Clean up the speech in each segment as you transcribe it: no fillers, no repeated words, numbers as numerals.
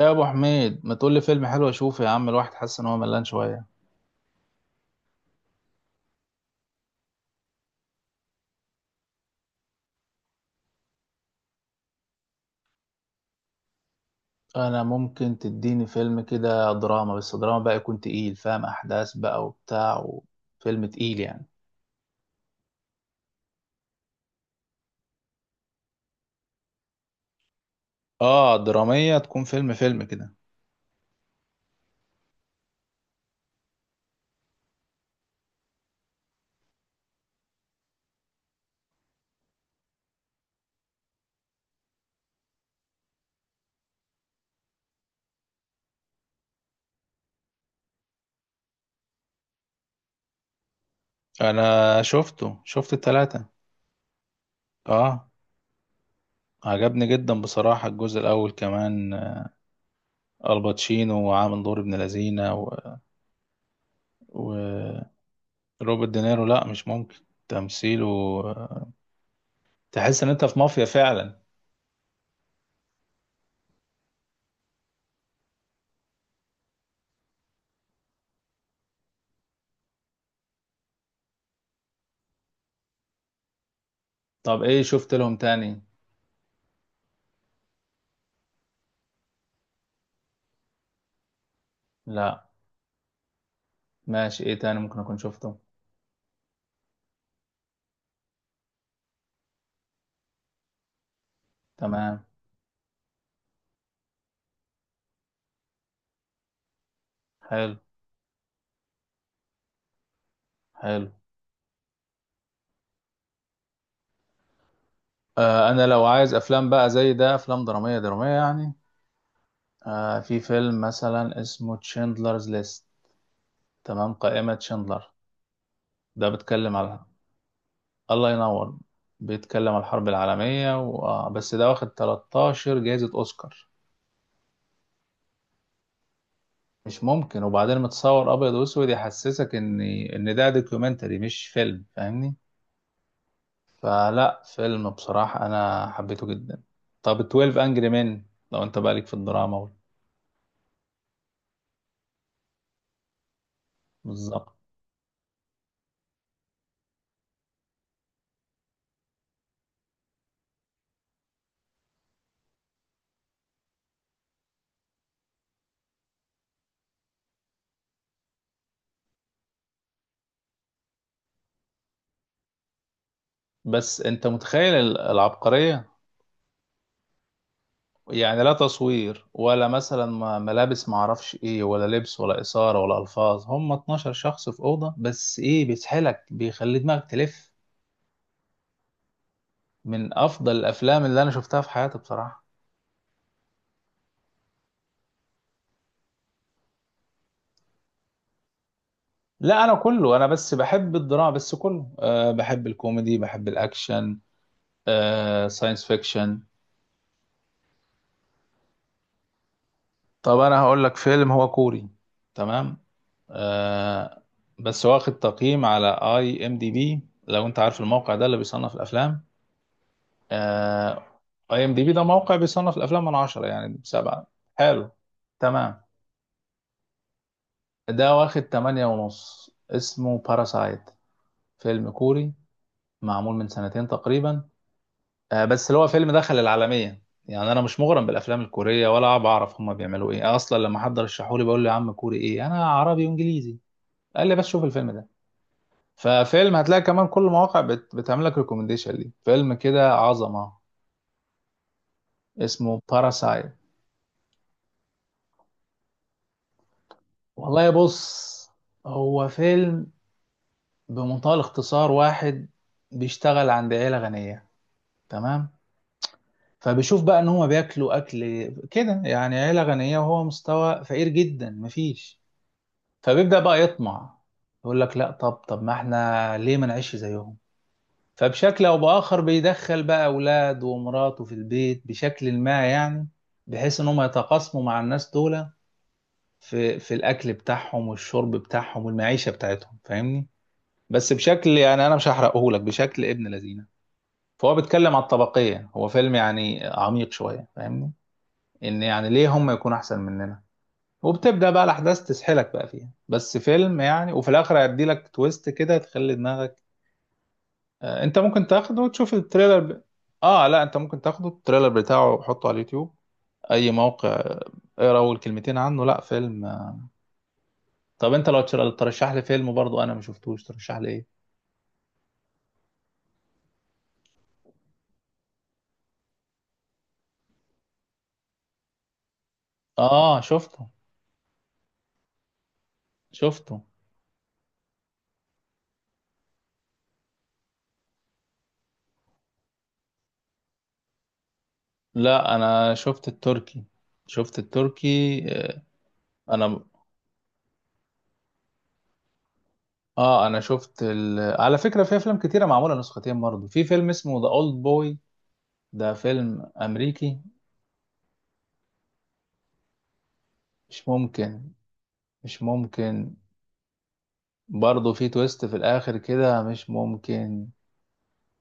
يا ابو حميد، ما تقول لي فيلم حلو اشوفه؟ يا عم الواحد حاسس ان هو ملان شويه. انا ممكن تديني فيلم كده دراما، بس دراما بقى يكون تقيل، فاهم، احداث بقى وبتاع وفيلم تقيل يعني. اه دراميه تكون فيلم فيلم كده. انا شفت التلاتة. اه، عجبني جدا بصراحه الجزء الاول كمان. الباتشينو وعامل دور ابن لذينه وروبرت دينيرو، لا مش ممكن تمثيله آه، تحس ان انت في مافيا فعلا. طب ايه شفت لهم تاني؟ لا، ماشي، ايه تاني ممكن اكون شفته؟ تمام. حلو حلو. آه، انا لو عايز افلام بقى زي ده افلام درامية درامية يعني. في فيلم مثلا اسمه تشندلرز ليست، تمام، قائمة شندلر. ده بيتكلم على... الله ينور. بيتكلم على الحرب العالمية و... آه بس ده واخد 13 جائزة اوسكار. مش ممكن! وبعدين متصور ابيض واسود، يحسسك ان ده دوكيومنتري مش فيلم، فاهمني؟ فلا، فيلم بصراحة أنا حبيته جدا. طب 12 أنجري مان، لو أنت بالك في الدراما بالظبط. بس أنت متخيل العبقرية؟ يعني لا تصوير ولا مثلا ملابس معرفش إيه ولا لبس ولا إثارة ولا ألفاظ، هم 12 شخص في أوضة بس، إيه بيسحلك، بيخلي دماغك تلف. من أفضل الأفلام اللي أنا شفتها في حياتي بصراحة. لا، أنا كله، أنا بس بحب الدراما بس كله، بحب الكوميدي بحب الأكشن، ساينس فيكشن. طب انا هقول لك فيلم هو كوري. تمام. آه. بس واخد تقييم على اي ام دي بي، لو انت عارف الموقع ده اللي بيصنف الافلام. آه. اي ام دي بي ده موقع بيصنف الافلام من 10، يعني ب7. حلو. تمام. ده واخد 8.5، اسمه باراسايت. فيلم كوري، معمول من سنتين تقريبا. بس اللي هو فيلم دخل العالمية، يعني انا مش مغرم بالافلام الكورية ولا بعرف هما بيعملوا ايه اصلا. لما حد رشحولي بقول له يا عم كوري ايه، انا عربي وانجليزي. قال لي بس شوف الفيلم ده. ففيلم هتلاقي كمان كل المواقع بتعمل لك ريكومنديشن ليه، فيلم كده عظمة. اسمه باراسايت. والله بص، هو فيلم بمنتهى الاختصار: واحد بيشتغل عند عيلة غنية. تمام. فبيشوف بقى ان هما بياكلوا اكل كده يعني عيلة غنية، وهو مستوى فقير جدا، مفيش. فبيبدأ بقى يطمع، يقول لك لا، طب ما احنا ليه ما نعيش زيهم. فبشكل او باخر بيدخل بقى اولاده ومراته في البيت بشكل ما يعني، بحيث ان هم يتقاسموا مع الناس دول في الاكل بتاعهم والشرب بتاعهم والمعيشه بتاعتهم، فاهمني؟ بس بشكل، يعني انا مش هحرقه لك، بشكل ابن لذينه. فهو بيتكلم على الطبقيه، هو فيلم يعني عميق شويه فاهمني، ان يعني ليه هم يكونوا احسن مننا. وبتبدا بقى الاحداث تسحلك بقى فيها، بس فيلم يعني، وفي الاخر هيدي لك تويست كده تخلي دماغك. انت ممكن تاخده وتشوف التريلر اه لا، انت ممكن تاخده التريلر بتاعه وحطه على اليوتيوب، اي موقع. اقرا اول كلمتين عنه، لا فيلم. طب انت لو ترشح لي فيلم برضو انا ما شفتوش، ترشح لي ايه؟ اه، شفته. شفته. لا، انا شفت التركي. شفت التركي. آه، انا. اه انا شفت على فكرة في افلام كتيرة معمولة نسختين برضو. في فيلم اسمه ذا اولد بوي، ده فيلم امريكي. مش ممكن. مش ممكن. برضه في تويست في الاخر كده، مش ممكن.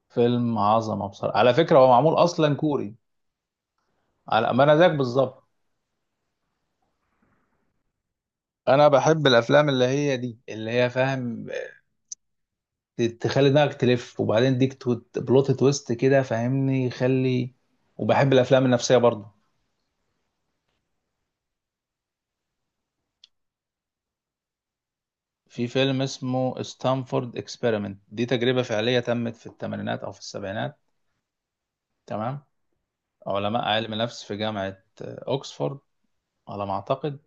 فيلم عظمه بصراحه، على فكره هو معمول اصلا كوري. على ما انا زيك بالظبط. انا بحب الافلام اللي هي دي اللي هي فاهم، تخلي دماغك تلف، وبعدين ديك بلوت تويست كده فاهمني، يخلي. وبحب الافلام النفسيه برضه. في فيلم اسمه ستانفورد اكسبيرمنت، دي تجربه فعليه تمت في الثمانينات او في السبعينات. تمام. علماء علم نفس في جامعه اوكسفورد على ما اعتقد.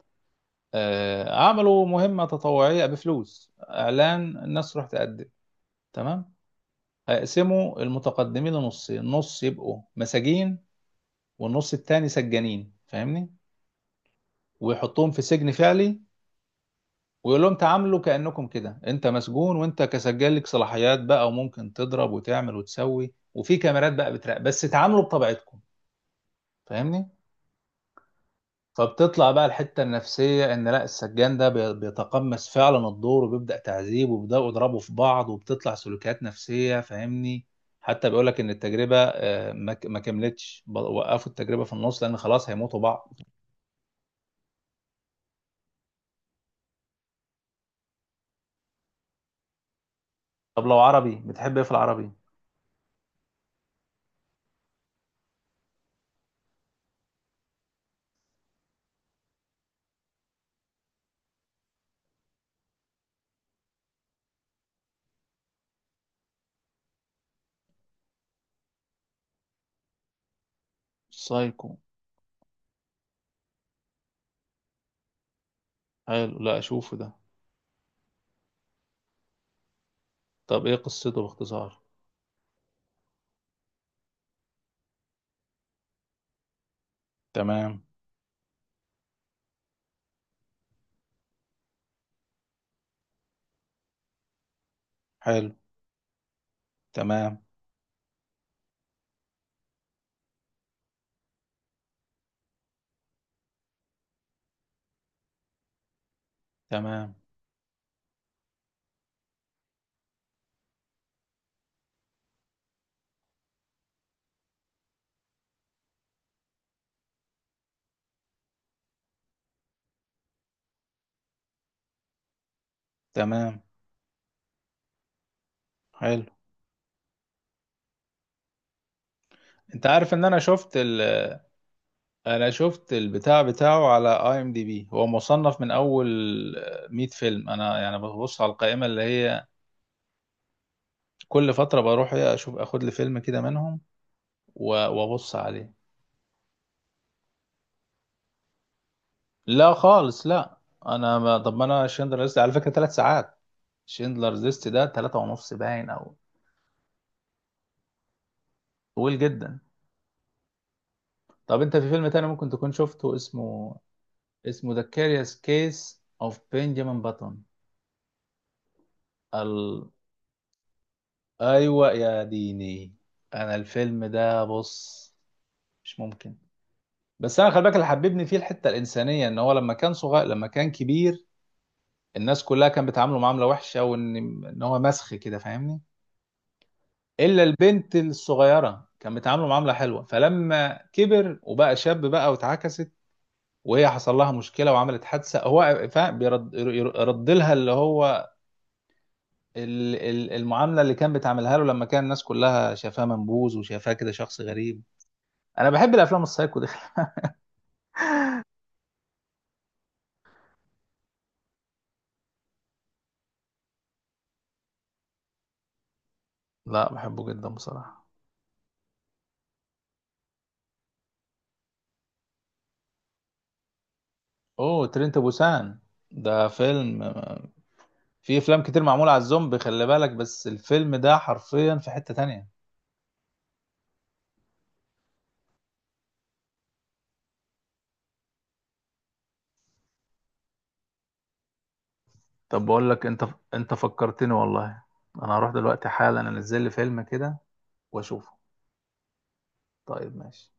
عملوا مهمة تطوعية بفلوس، إعلان الناس تروح تقدم. تمام. هيقسموا المتقدمين لنصين، نص يبقوا مساجين والنص التاني سجانين فاهمني، ويحطوهم في سجن فعلي. ويقول لهم تعاملوا كأنكم كده انت مسجون وانت كسجان لك صلاحيات بقى، وممكن تضرب وتعمل وتسوي، وفي كاميرات بقى بتراقب، بس تعاملوا بطبيعتكم فاهمني. فبتطلع بقى الحتة النفسية إن لا السجان ده بيتقمص فعلا الدور، وبيبدأ تعذيب وبيبدأوا يضربوا في بعض وبتطلع سلوكيات نفسية فاهمني. حتى بيقولك إن التجربة ما كملتش، وقفوا التجربة في النص لأن خلاص هيموتوا بعض. طب لو عربي بتحب إيه في العربي؟ سايكو. حلو، لا أشوفه ده. طب إيه قصته باختصار؟ تمام. حلو. تمام. تمام. تمام. حلو. انت عارف ان انا شفت انا شفت البتاع بتاعه على اي ام دي بي، هو مصنف من اول 100 فيلم. انا يعني ببص على القائمه اللي هي كل فتره بروح إيه اشوف، اخد لي فيلم كده منهم وابص عليه. لا خالص لا. انا ما، طب ما انا، شندلر ليست على فكره 3 ساعات. شندلر ليست ده 3.5 باين او. طويل جدا. طب انت في فيلم تاني ممكن تكون شفته اسمه ذا كاريوس كيس اوف بنجامين باتون. ال... ايوه يا ديني. انا الفيلم ده بص، مش ممكن. بس انا خلي بالك اللي حببني فيه الحته الانسانيه ان هو لما كان صغير، لما كان كبير، الناس كلها كانت بتعامله معامله وحشه، وان هو مسخ كده فاهمني. الا البنت الصغيره كان بتعامله معامله حلوه، فلما كبر وبقى شاب بقى واتعكست، وهي حصل لها مشكله وعملت حادثه، هو فاهم بيرد يرد لها اللي هو المعامله اللي كان بتعملها له لما كان الناس كلها شافاه منبوذ وشافاه كده شخص غريب. انا بحب الافلام السايكو دي. لا بحبه جدا بصراحه. اوه ترينت بوسان. ده فيلم، في افلام كتير معمولة على الزومبي خلي بالك، بس الفيلم ده حرفيا في حتة تانية. طب بقول لك انت، انت فكرتني والله. انا هروح دلوقتي حالا انزل لي فيلم كده واشوفه. طيب، ماشي.